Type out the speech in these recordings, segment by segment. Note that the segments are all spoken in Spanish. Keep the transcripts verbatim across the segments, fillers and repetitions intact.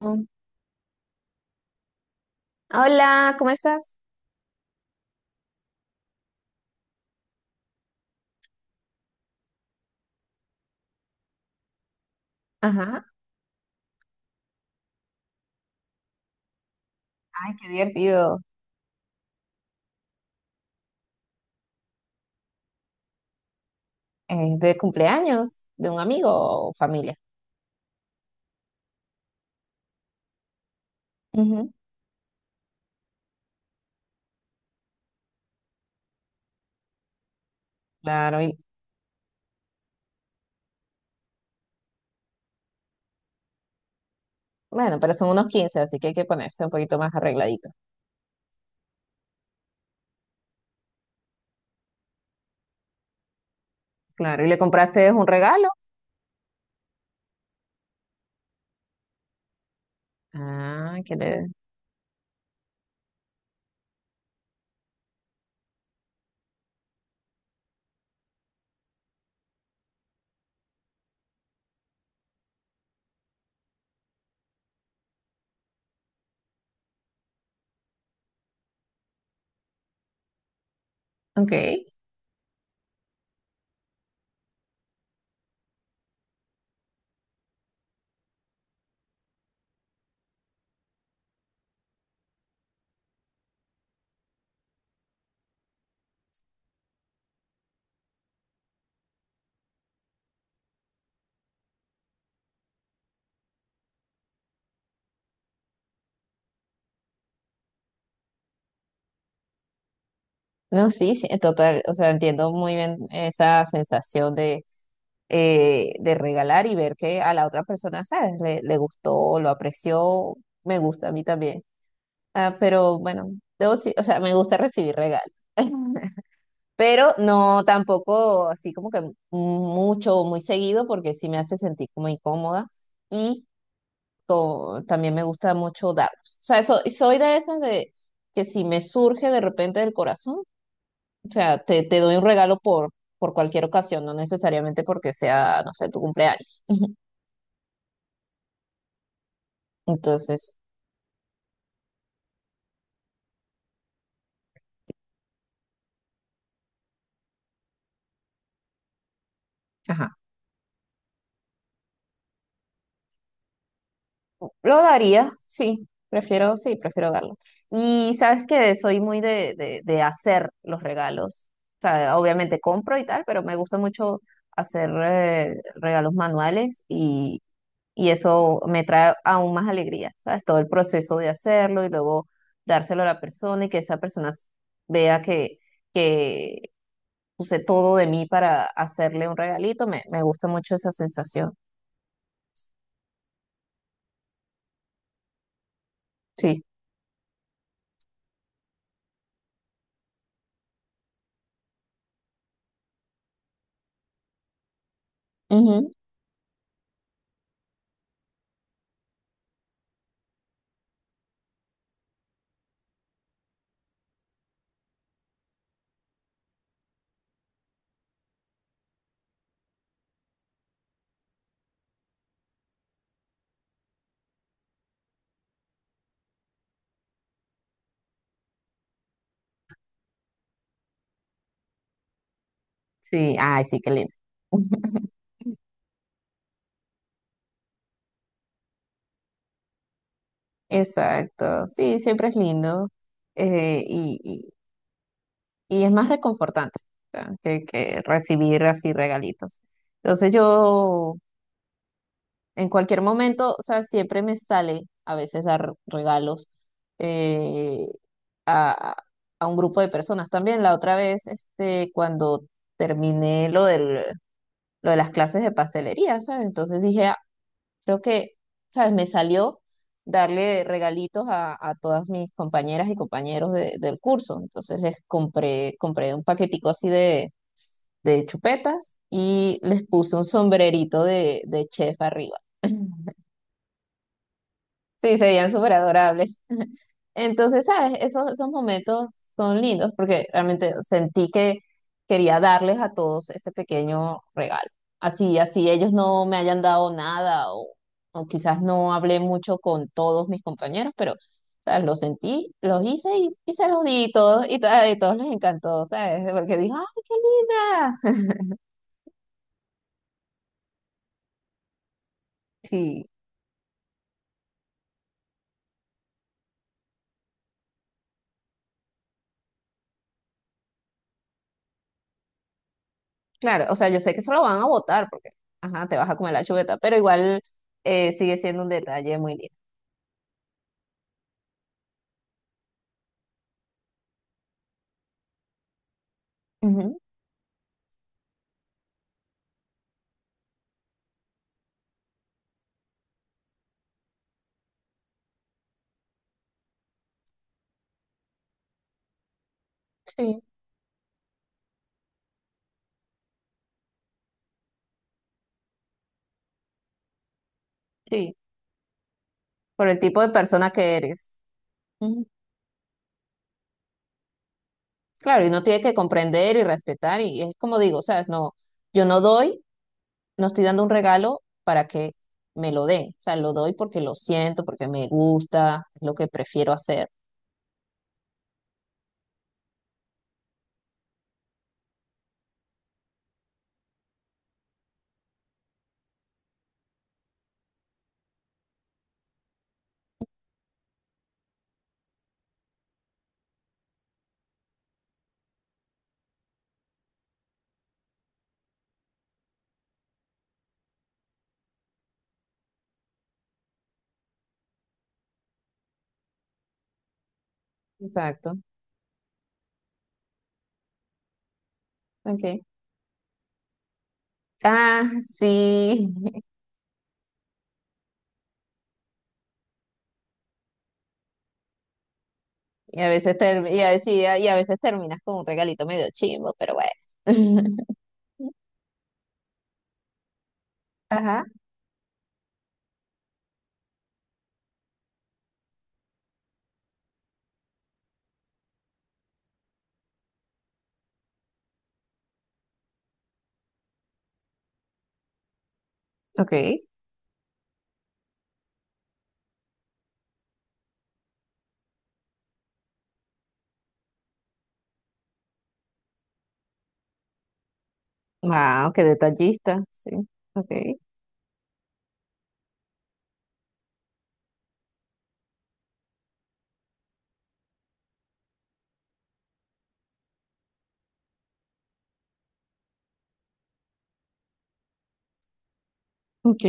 Mm. Hola, ¿cómo estás? Ajá. Ay, qué divertido. Es de cumpleaños de un amigo o familia. Ujú. Claro, y bueno, pero son unos quince, así que hay que ponerse un poquito más arregladito. Claro, ¿y le compraste un regalo? Ah, qué le... Ok. No, sí, sí, en total, o sea, entiendo muy bien esa sensación de, eh, de regalar y ver que a la otra persona, ¿sabes? Le, le gustó, lo apreció, me gusta a mí también. Ah, pero bueno, debo, sí- o sea, me gusta recibir regalos. Pero no tampoco así como que mucho o muy seguido porque sí me hace sentir como incómoda y co- también me gusta mucho darlos. O sea, so- soy de esas de que si me surge de repente del corazón, o sea, te, te doy un regalo por, por cualquier ocasión, no necesariamente porque sea, no sé, tu cumpleaños. Entonces, ajá. Lo daría, sí, prefiero, sí, prefiero darlo. Y sabes que soy muy de, de, de hacer los regalos. O sea, obviamente compro y tal, pero me gusta mucho hacer eh, regalos manuales y, y eso me trae aún más alegría, ¿sabes? Todo el proceso de hacerlo y luego dárselo a la persona y que esa persona s- vea que, que puse todo de mí para hacerle un regalito. Me, me gusta mucho esa sensación. Sí. Ujú. Sí, ay, sí, qué lindo. Exacto, sí, siempre es lindo eh, y, y- y es más reconfortante o sea, que, que recibir así regalitos. Entonces yo en cualquier momento, o sea, siempre me sale a veces dar regalos eh, a, a un grupo de personas también. La otra vez, este, cuando terminé lo del, lo de las clases de pastelería, ¿sabes? Entonces dije, creo que, ¿sabes? Me salió darle regalitos a, a todas mis compañeras y compañeros de- del curso. Entonces les compré, compré un paquetico así de, de chupetas y les puse un sombrerito de, de chef arriba. Sí, serían súper adorables. Entonces, ¿sabes? Esos, esos momentos son lindos porque realmente sentí que quería darles a todos ese pequeño regalo. Así, así ellos no me hayan dado nada o, o quizás no hablé mucho con todos mis compañeros, pero, ¿sabes? Los sentí, los hice y, y se los di y todos, y, a todos les encantó, ¿sabes? Porque dije, ¡ay, qué linda! Sí. Claro, o sea, yo sé que eso lo van a votar porque, ajá, te vas a comer la chuleta, pero igual eh, sigue siendo un detalle muy lindo. Ujú. Sí, sí, por el tipo de persona que eres. Ujú. Claro, y uno tiene que comprender y respetar y es como digo, ¿sabes? No, yo no doy, no estoy dando un regalo para que me lo den, o sea, lo doy porque lo siento, porque me gusta, es lo que prefiero hacer. Exacto, ok. Ah, sí. Y a veces ter- y a veces, y a y a veces terminas con un regalito medio chimbo, pero bueno. Ajá, ok. Wow, qué detallista, sí. Ok, ok.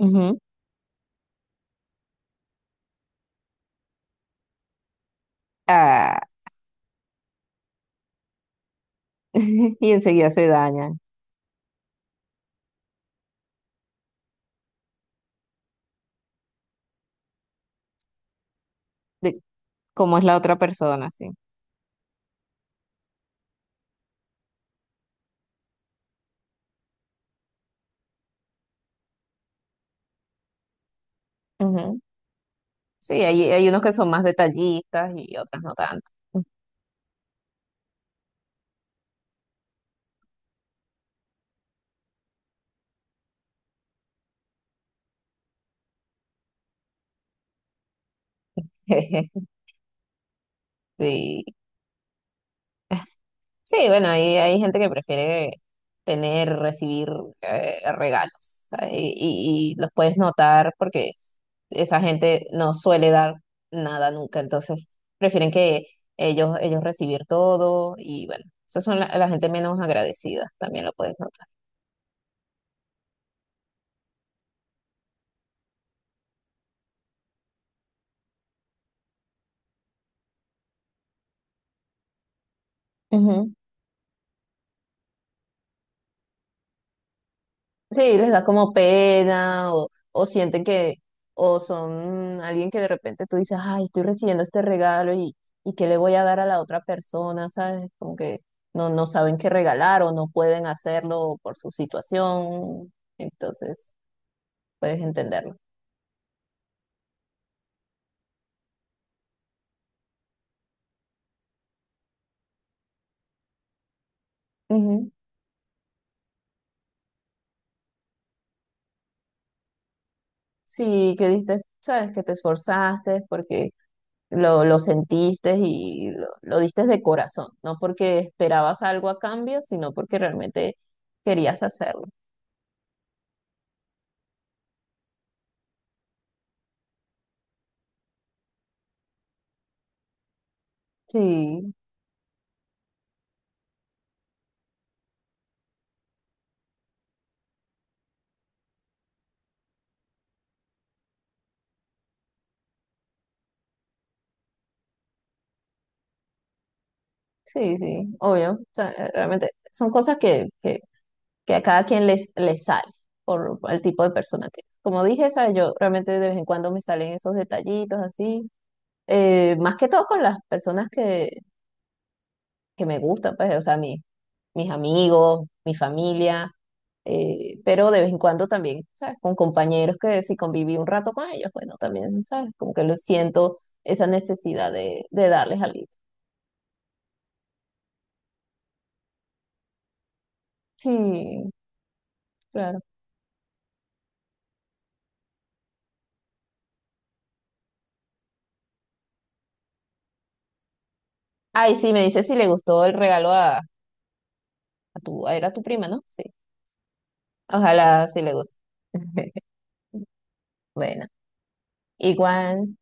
Ujú. Ah, y enseguida se dañan. De cómo es la otra persona, sí. Ujú. Sí, hay, hay unos que son más detallistas y otras no tanto. Sí. Sí, bueno, hay, hay gente que prefiere tener, recibir eh, regalos, ¿sabes? Y, y- y los puedes notar porque esa gente no suele dar nada nunca, entonces prefieren que ellos, ellos recibir todo y bueno, esas son la, la gente menos agradecida, también lo puedes notar. Sí, les da como pena o, o sienten que, o son alguien que de repente tú dices, ay, estoy recibiendo este regalo y, y qué le voy a dar a la otra persona, ¿sabes? Como que no, no saben qué regalar o no pueden hacerlo por su situación, entonces puedes entenderlo. Ujú. Sí, que diste, sabes que te esforzaste porque lo, lo sentiste y lo, lo diste de corazón, no porque esperabas algo a cambio, sino porque realmente querías hacerlo. Sí. Sí, sí, obvio. O sea, eh, realmente son cosas que, que, que a cada quien les, les sale por, por el tipo de persona que es. Como dije, ¿sabes? Yo realmente de vez en cuando me salen esos detallitos así. Eh, más que todo con las personas que, que me gustan, pues, o sea, mi- mis amigos, mi familia, eh, pero de vez en cuando también, ¿sabes? Con compañeros que si conviví un rato con ellos, bueno, también, ¿sabes? Como que lo siento esa necesidad de, de darles algo. Sí, claro. Ay, sí, me dice si le gustó el regalo a, a tu, a, era tu prima, ¿no? Sí. Ojalá sí le guste. Bueno, igual.